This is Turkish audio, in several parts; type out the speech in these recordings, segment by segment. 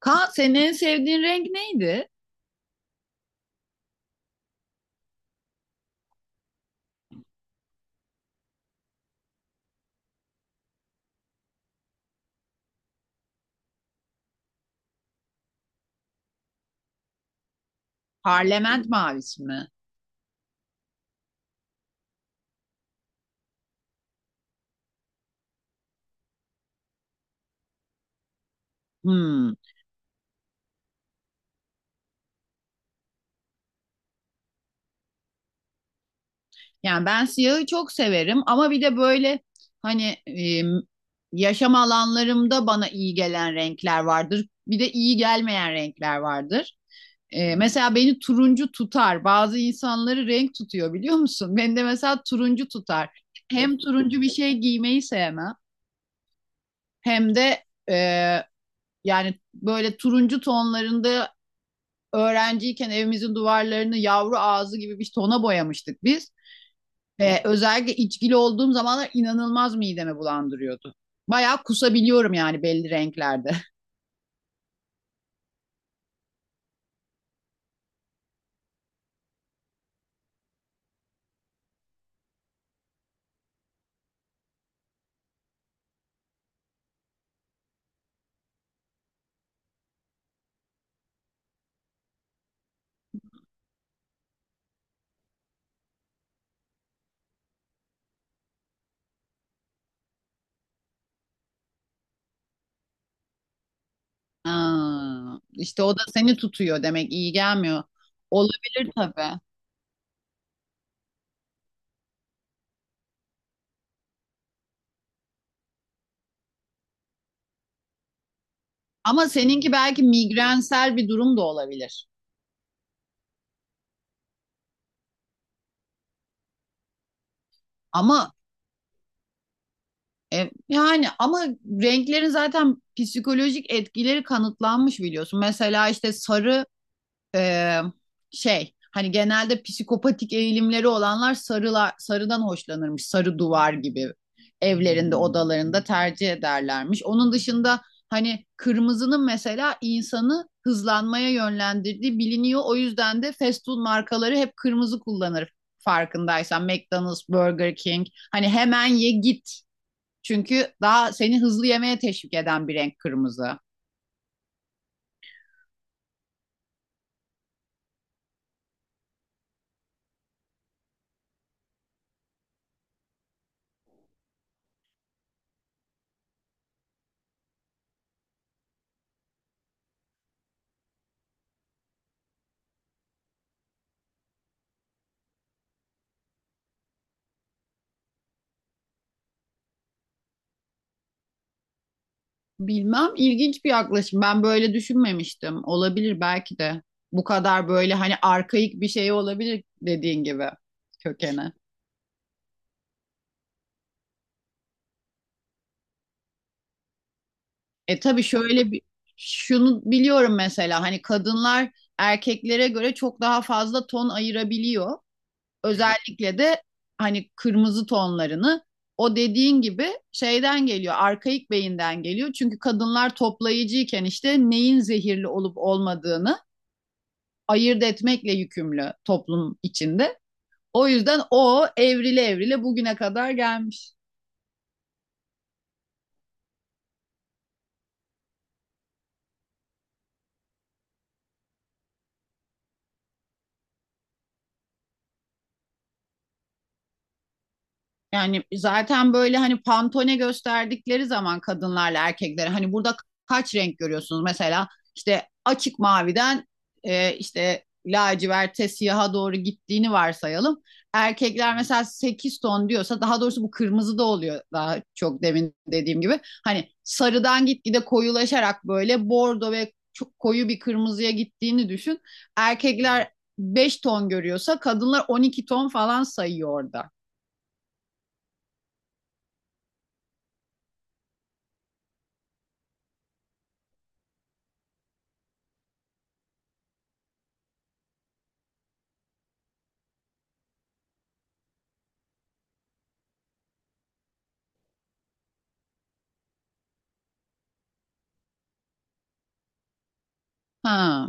Kaan senin en sevdiğin renk neydi? Parlament mavisi mi? Hmm. Yani ben siyahı çok severim ama bir de böyle hani yaşam alanlarımda bana iyi gelen renkler vardır. Bir de iyi gelmeyen renkler vardır. E, mesela beni turuncu tutar. Bazı insanları renk tutuyor biliyor musun? Beni de mesela turuncu tutar. Hem turuncu bir şey giymeyi sevmem hem de e, yani böyle turuncu tonlarında öğrenciyken evimizin duvarlarını yavru ağzı gibi bir tona boyamıştık biz. Özellikle içkili olduğum zamanlar inanılmaz midemi bulandırıyordu. Bayağı kusabiliyorum yani belli renklerde. Aa, işte o da seni tutuyor demek iyi gelmiyor. Olabilir tabii. Ama seninki belki migrensel bir durum da olabilir. Ama yani ama renklerin zaten psikolojik etkileri kanıtlanmış biliyorsun. Mesela işte sarı e, şey hani genelde psikopatik eğilimleri olanlar sarılar, sarıdan hoşlanırmış. Sarı duvar gibi evlerinde odalarında tercih ederlermiş. Onun dışında hani kırmızının mesela insanı hızlanmaya yönlendirdiği biliniyor. O yüzden de fast food markaları hep kırmızı kullanır farkındaysan. McDonald's, Burger King hani hemen ye git. Çünkü daha seni hızlı yemeye teşvik eden bir renk kırmızı. Bilmem, ilginç bir yaklaşım. Ben böyle düşünmemiştim. Olabilir belki de. Bu kadar böyle hani arkaik bir şey olabilir dediğin gibi kökeni. E tabii, şöyle bir şunu biliyorum mesela: hani kadınlar erkeklere göre çok daha fazla ton ayırabiliyor. Özellikle de hani kırmızı tonlarını, o dediğin gibi şeyden geliyor. Arkaik beyinden geliyor. Çünkü kadınlar toplayıcıyken işte neyin zehirli olup olmadığını ayırt etmekle yükümlü toplum içinde. O yüzden o evrile evrile bugüne kadar gelmiş. Yani zaten böyle hani pantone gösterdikleri zaman kadınlarla erkekleri, hani burada kaç renk görüyorsunuz? Mesela işte açık maviden işte laciverte siyaha doğru gittiğini varsayalım. Erkekler mesela 8 ton diyorsa, daha doğrusu bu kırmızı da oluyor daha çok demin dediğim gibi. Hani sarıdan gitgide koyulaşarak böyle bordo ve çok koyu bir kırmızıya gittiğini düşün. Erkekler 5 ton görüyorsa kadınlar 12 ton falan sayıyor orada. Ha.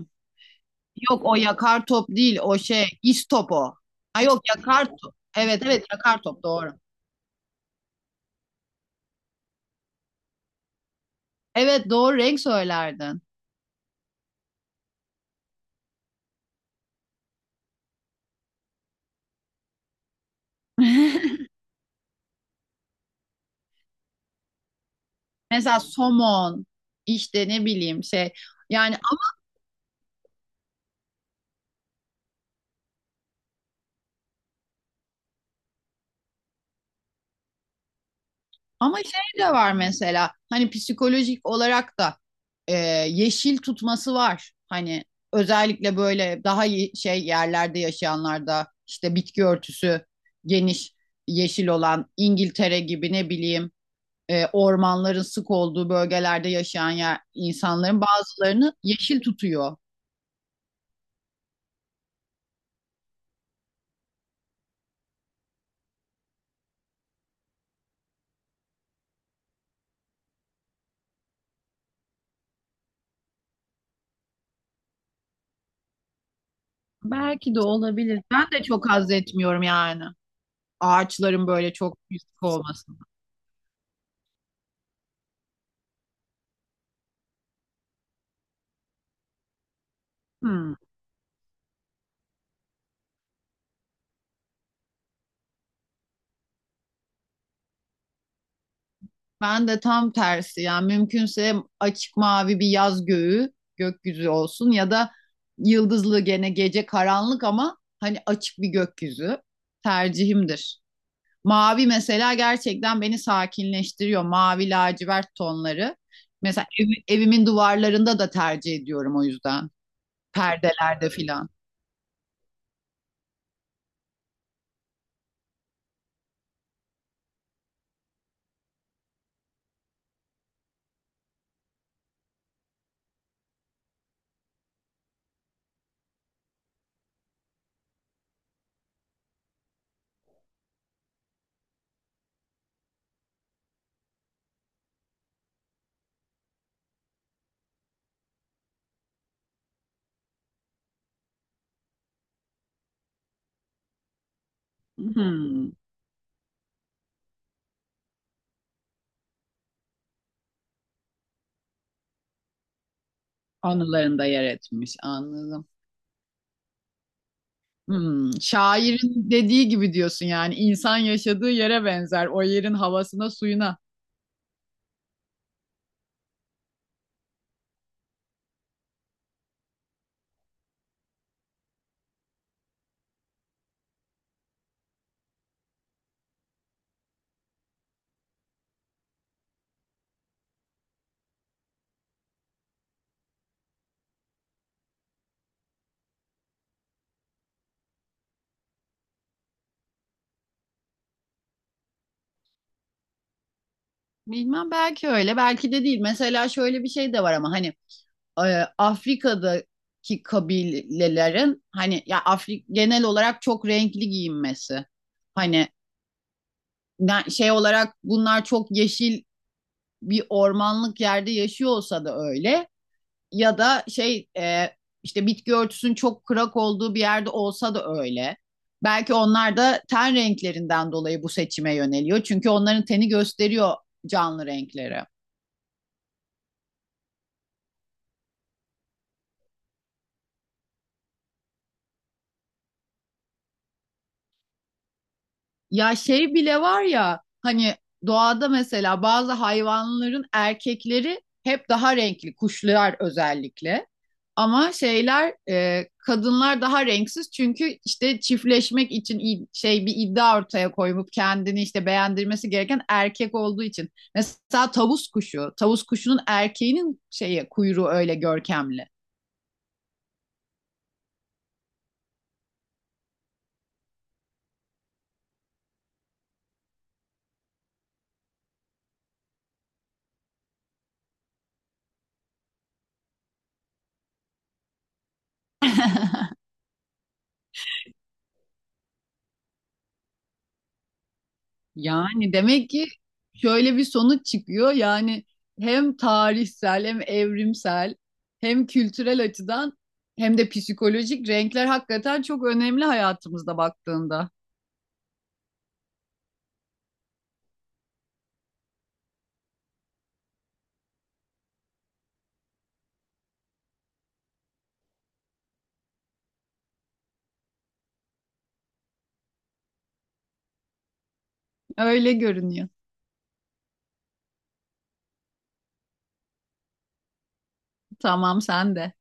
Yok, o yakar top değil, o şey istop o. Ha yok, yakar top. Evet, evet, yakar top doğru. Evet doğru renk söylerdin. Mesela somon, işte ne bileyim şey yani ama şey de var mesela hani psikolojik olarak da e, yeşil tutması var. Hani özellikle böyle daha şey yerlerde yaşayanlarda işte bitki örtüsü geniş yeşil olan İngiltere gibi, ne bileyim ormanların sık olduğu bölgelerde yaşayan yer, insanların bazılarını yeşil tutuyor. Belki de olabilir. Ben de çok haz etmiyorum yani. Ağaçların böyle çok yüksek olması. Hmm. Ben de tam tersi yani, mümkünse açık mavi bir yaz göğü, gökyüzü olsun ya da yıldızlı gene gece karanlık ama hani açık bir gökyüzü tercihimdir. Mavi mesela gerçekten beni sakinleştiriyor. Mavi lacivert tonları. Mesela evimin duvarlarında da tercih ediyorum o yüzden. Perdelerde filan. Hmm, anılarında yer etmiş anladım. Hmm, şairin dediği gibi diyorsun, yani insan yaşadığı yere benzer, o yerin havasına suyuna. Bilmem, belki öyle belki de değil. Mesela şöyle bir şey de var ama hani Afrika'daki kabilelerin, hani ya genel olarak çok renkli giyinmesi. Hani şey olarak bunlar çok yeşil bir ormanlık yerde yaşıyor olsa da öyle, ya da şey işte bitki örtüsünün çok kırak olduğu bir yerde olsa da öyle. Belki onlar da ten renklerinden dolayı bu seçime yöneliyor. Çünkü onların teni gösteriyor canlı renkleri. Ya şey bile var ya hani, doğada mesela bazı hayvanların erkekleri hep daha renkli, kuşlar özellikle. Ama şeyler kadınlar daha renksiz çünkü işte çiftleşmek için şey bir iddia ortaya koyup kendini işte beğendirmesi gereken erkek olduğu için. Mesela tavus kuşu, tavus kuşunun erkeğinin şeye kuyruğu öyle görkemli. Yani demek ki şöyle bir sonuç çıkıyor. Yani hem tarihsel hem evrimsel hem kültürel açıdan hem de psikolojik, renkler hakikaten çok önemli hayatımızda baktığında. Öyle görünüyor. Tamam, sen de.